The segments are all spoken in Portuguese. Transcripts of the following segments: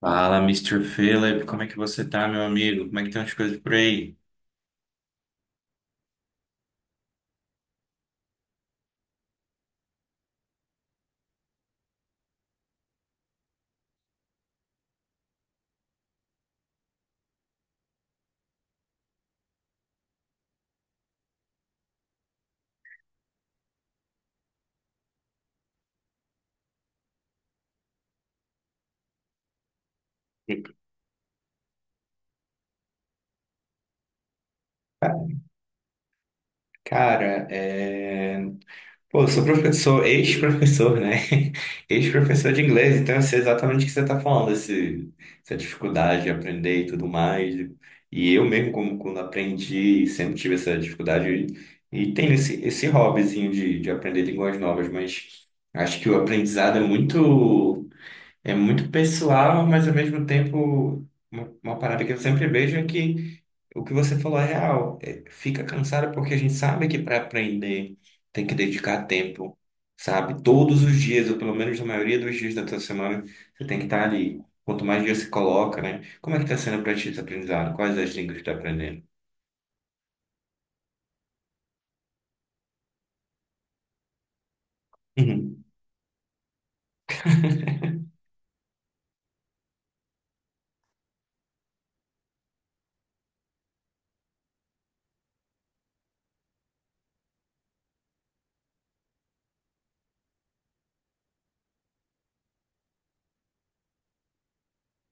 Fala, Mister Philip, como é que você tá, meu amigo? Como é que estão as coisas por aí? Cara, pô, eu sou professor, ex-professor, né? Ex-professor de inglês, então eu sei exatamente o que você está falando, essa dificuldade de aprender e tudo mais. E eu mesmo, como quando aprendi, sempre tive essa dificuldade e tenho esse hobbyzinho de aprender línguas novas, mas acho que o aprendizado é muito. É muito pessoal, mas ao mesmo tempo, uma parada que eu sempre vejo é que o que você falou é real. É, fica cansado porque a gente sabe que para aprender tem que dedicar tempo, sabe? Todos os dias, ou pelo menos na maioria dos dias da tua semana, você tem que estar ali. Quanto mais dias você coloca, né? Como é que está sendo para ti esse aprendizado? Quais as línguas que está aprendendo? Uhum.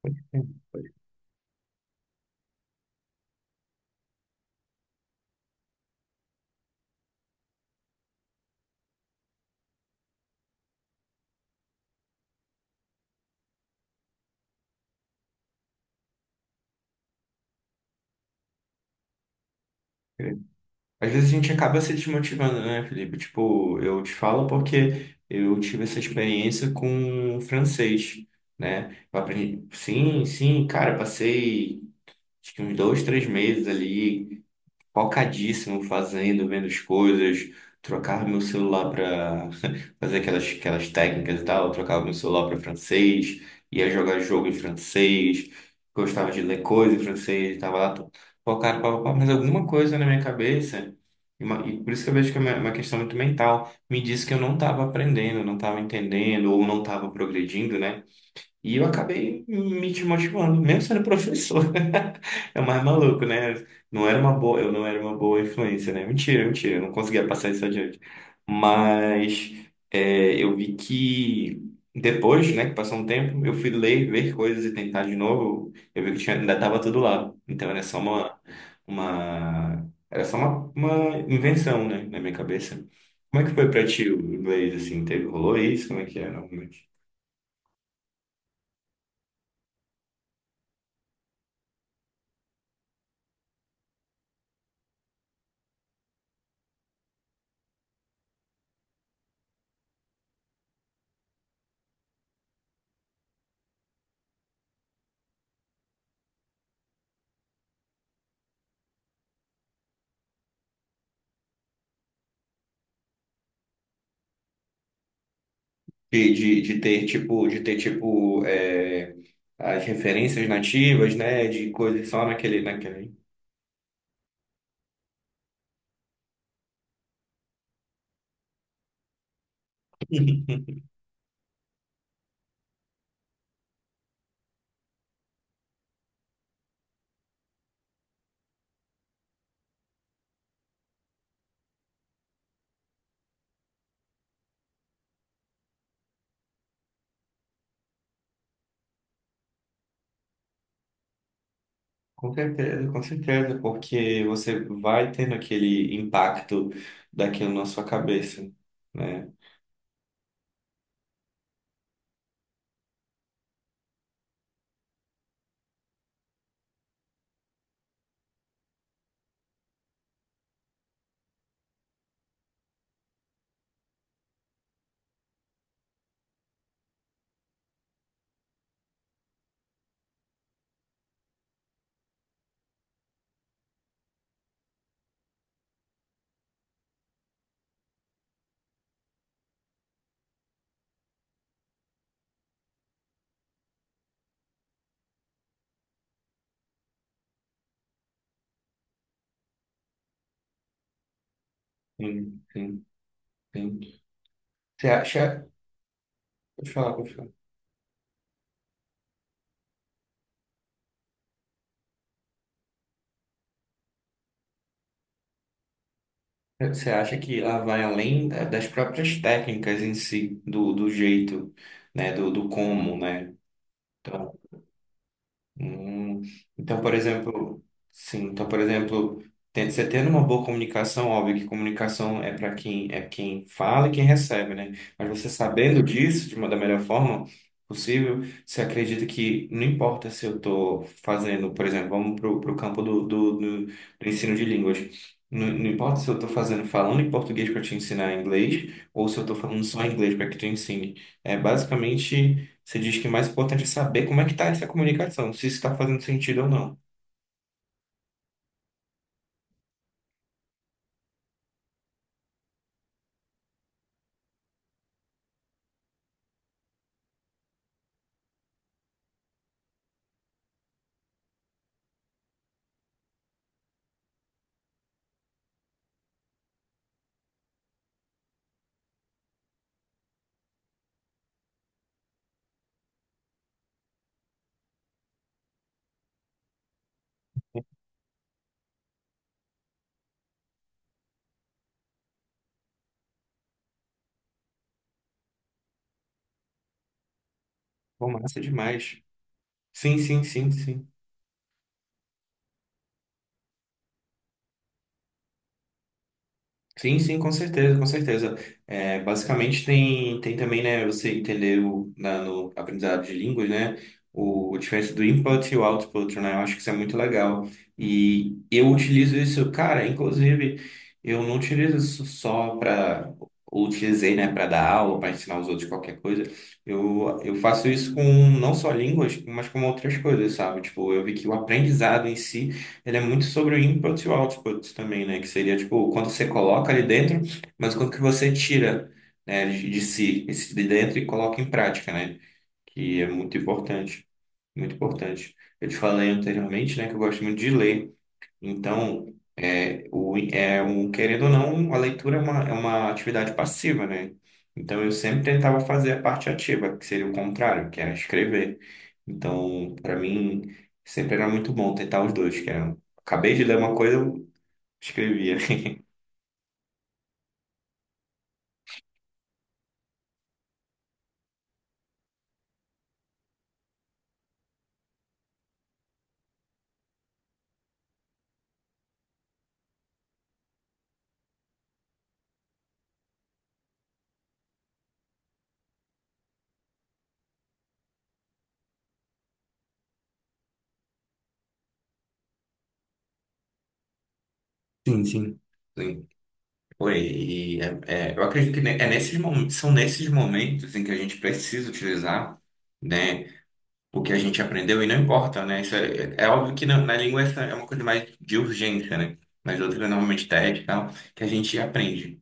Às vezes a gente acaba se desmotivando, né, Felipe? Tipo, eu te falo porque eu tive essa experiência com francês, né? Eu aprendi, sim, sim, cara, passei acho que uns 2, 3 meses ali focadíssimo fazendo, vendo as coisas, trocava meu celular para fazer aquelas técnicas e tal, eu trocava meu celular para francês, ia jogar jogo em francês, gostava de ler coisa em francês, tava lá focado, pá, pá, pá, mas alguma coisa na minha cabeça, e por isso que eu vejo que é uma questão muito mental, me disse que eu não estava aprendendo, não estava entendendo, ou não estava progredindo, né? E eu acabei me desmotivando, mesmo sendo professor. É o mais maluco, né? Não era uma boa, eu não era uma boa influência, né? Mentira, mentira, eu não conseguia passar isso adiante. Mas é, eu vi que depois, né, que passou um tempo, eu fui ler, ver coisas e tentar de novo. Eu vi que tinha, ainda estava tudo lá. Então era só uma invenção, né, na minha cabeça. Como é que foi pra ti o inglês, assim? Teve, rolou isso? Como é que era? De ter tipo é, as referências nativas, né, de coisas só naquele. Com certeza, porque você vai tendo aquele impacto daquilo na sua cabeça, né? Sim, sim, sim. Você acha, deixa eu falar, deixa eu falar. Você acha que ela vai além da- das próprias técnicas em si, do jeito, né, do como, né? Então, Hum, Então, por exemplo, sim, então, por exemplo, você tendo uma boa comunicação, óbvio que comunicação é para quem é quem fala e quem recebe, né? Mas você sabendo disso de uma da melhor forma possível, você acredita que não importa se eu estou fazendo, por exemplo, vamos para o campo do ensino de línguas. Não, não importa se eu estou fazendo falando em português para te ensinar inglês ou se eu estou falando só inglês para que tu ensine. É basicamente. Você diz que o mais importante é saber como é que está essa comunicação, se isso está fazendo sentido ou não. Pô, massa demais. Sim, sim, sim, sim. Sim, sim, com certeza, com certeza. É, basicamente tem também, né, você entender o, na, no aprendizado de línguas, né, o diferente do input e o output, né, eu acho que isso é muito legal. E eu utilizo isso, cara, inclusive, eu não utilizo isso só para, utilizei, né, para dar aula, para ensinar os outros qualquer coisa. Eu faço isso com não só línguas, mas com outras coisas, sabe? Tipo, eu vi que o aprendizado em si ele é muito sobre o input e o output também, né? Que seria, tipo, o quanto você coloca ali dentro, mas o quanto que você tira, né, de si, esse de dentro e coloca em prática, né? Que é muito importante, muito importante. Eu te falei anteriormente, né, que eu gosto muito de ler. Então, querendo ou não, a leitura é uma atividade passiva, né? Então, eu sempre tentava fazer a parte ativa, que seria o contrário, que era escrever. Então, para mim, sempre era muito bom tentar os dois, que era, acabei de ler uma coisa, eu escrevia. Sim, sim. Sim. Oi, e é, eu acredito que é nesses momentos, são nesses momentos em que a gente precisa utilizar, né? O que a gente aprendeu e não importa, né? Isso é óbvio que na língua essa é uma coisa mais de urgência, né? Nas outras, normalmente, teste e tal, que a gente aprende.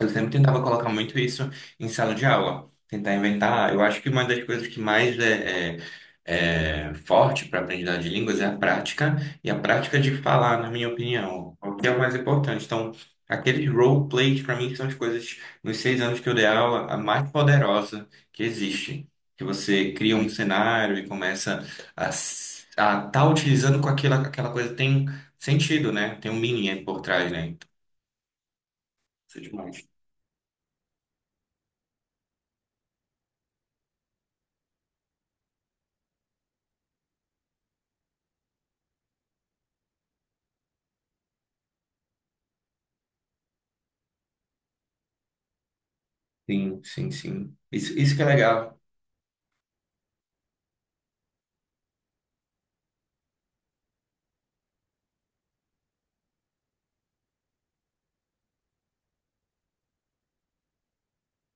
Eu sempre tentava colocar muito isso em sala de aula, tentar inventar. Eu acho que uma das coisas que mais é forte para aprendizagem de línguas é a prática e a prática de falar, na minha opinião, é o que é o mais importante. Então, aqueles roleplays, para mim, são as coisas, nos 6 anos que eu dei aula, a mais poderosa que existe. Que você cria um cenário e começa a estar tá utilizando com aquela, aquela coisa, tem sentido, né? Tem um meaning aí por trás, né? Então, isso é demais. Sim, sim, sim. Isso que é legal.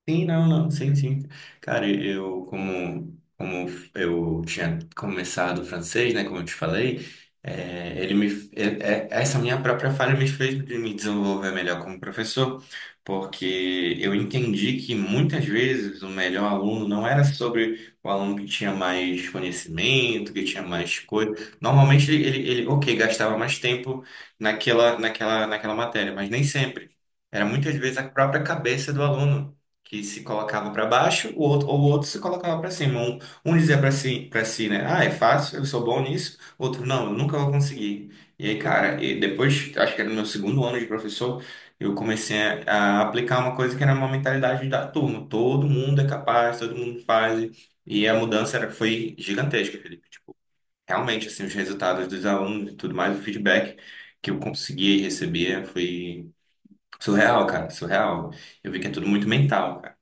Sim, não, não, sim, sim. Cara, eu, como eu tinha começado o francês, né, como eu te falei, é, ele me, é, é- essa minha própria falha me fez de me desenvolver melhor como professor, porque eu entendi que muitas vezes o melhor aluno não era sobre o aluno que tinha mais conhecimento, que tinha mais coisa. Normalmente ele, ok, gastava mais tempo naquela matéria, mas nem sempre. Era muitas vezes a própria cabeça do aluno que se colocava para baixo, o outro, ou o outro se colocava para cima. Um dizia para si, né? Ah, é fácil, eu sou bom nisso. Outro, não, eu nunca vou conseguir. E aí, cara, e depois, acho que era no meu segundo ano de professor, eu comecei a aplicar uma coisa que era uma mentalidade da turma. Todo mundo é capaz, todo mundo faz. E a mudança era, foi gigantesca, Felipe. Tipo, realmente, assim, os resultados dos alunos e tudo mais, o feedback que eu consegui receber foi surreal, cara, surreal. Eu vi que é tudo muito mental, cara.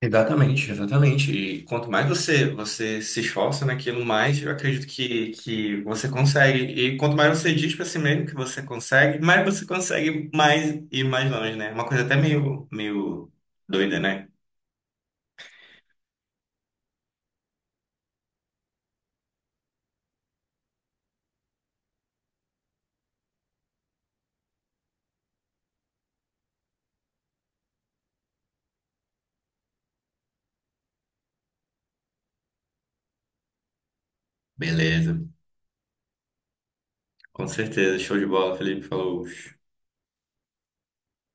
Exatamente, exatamente. E quanto mais você se esforça naquilo, mais eu acredito que você consegue. E quanto mais você diz para si mesmo que você consegue mais ir mais longe, né? Uma coisa até meio, meio doida, né? Beleza. Com certeza. Show de bola, Felipe. Falou.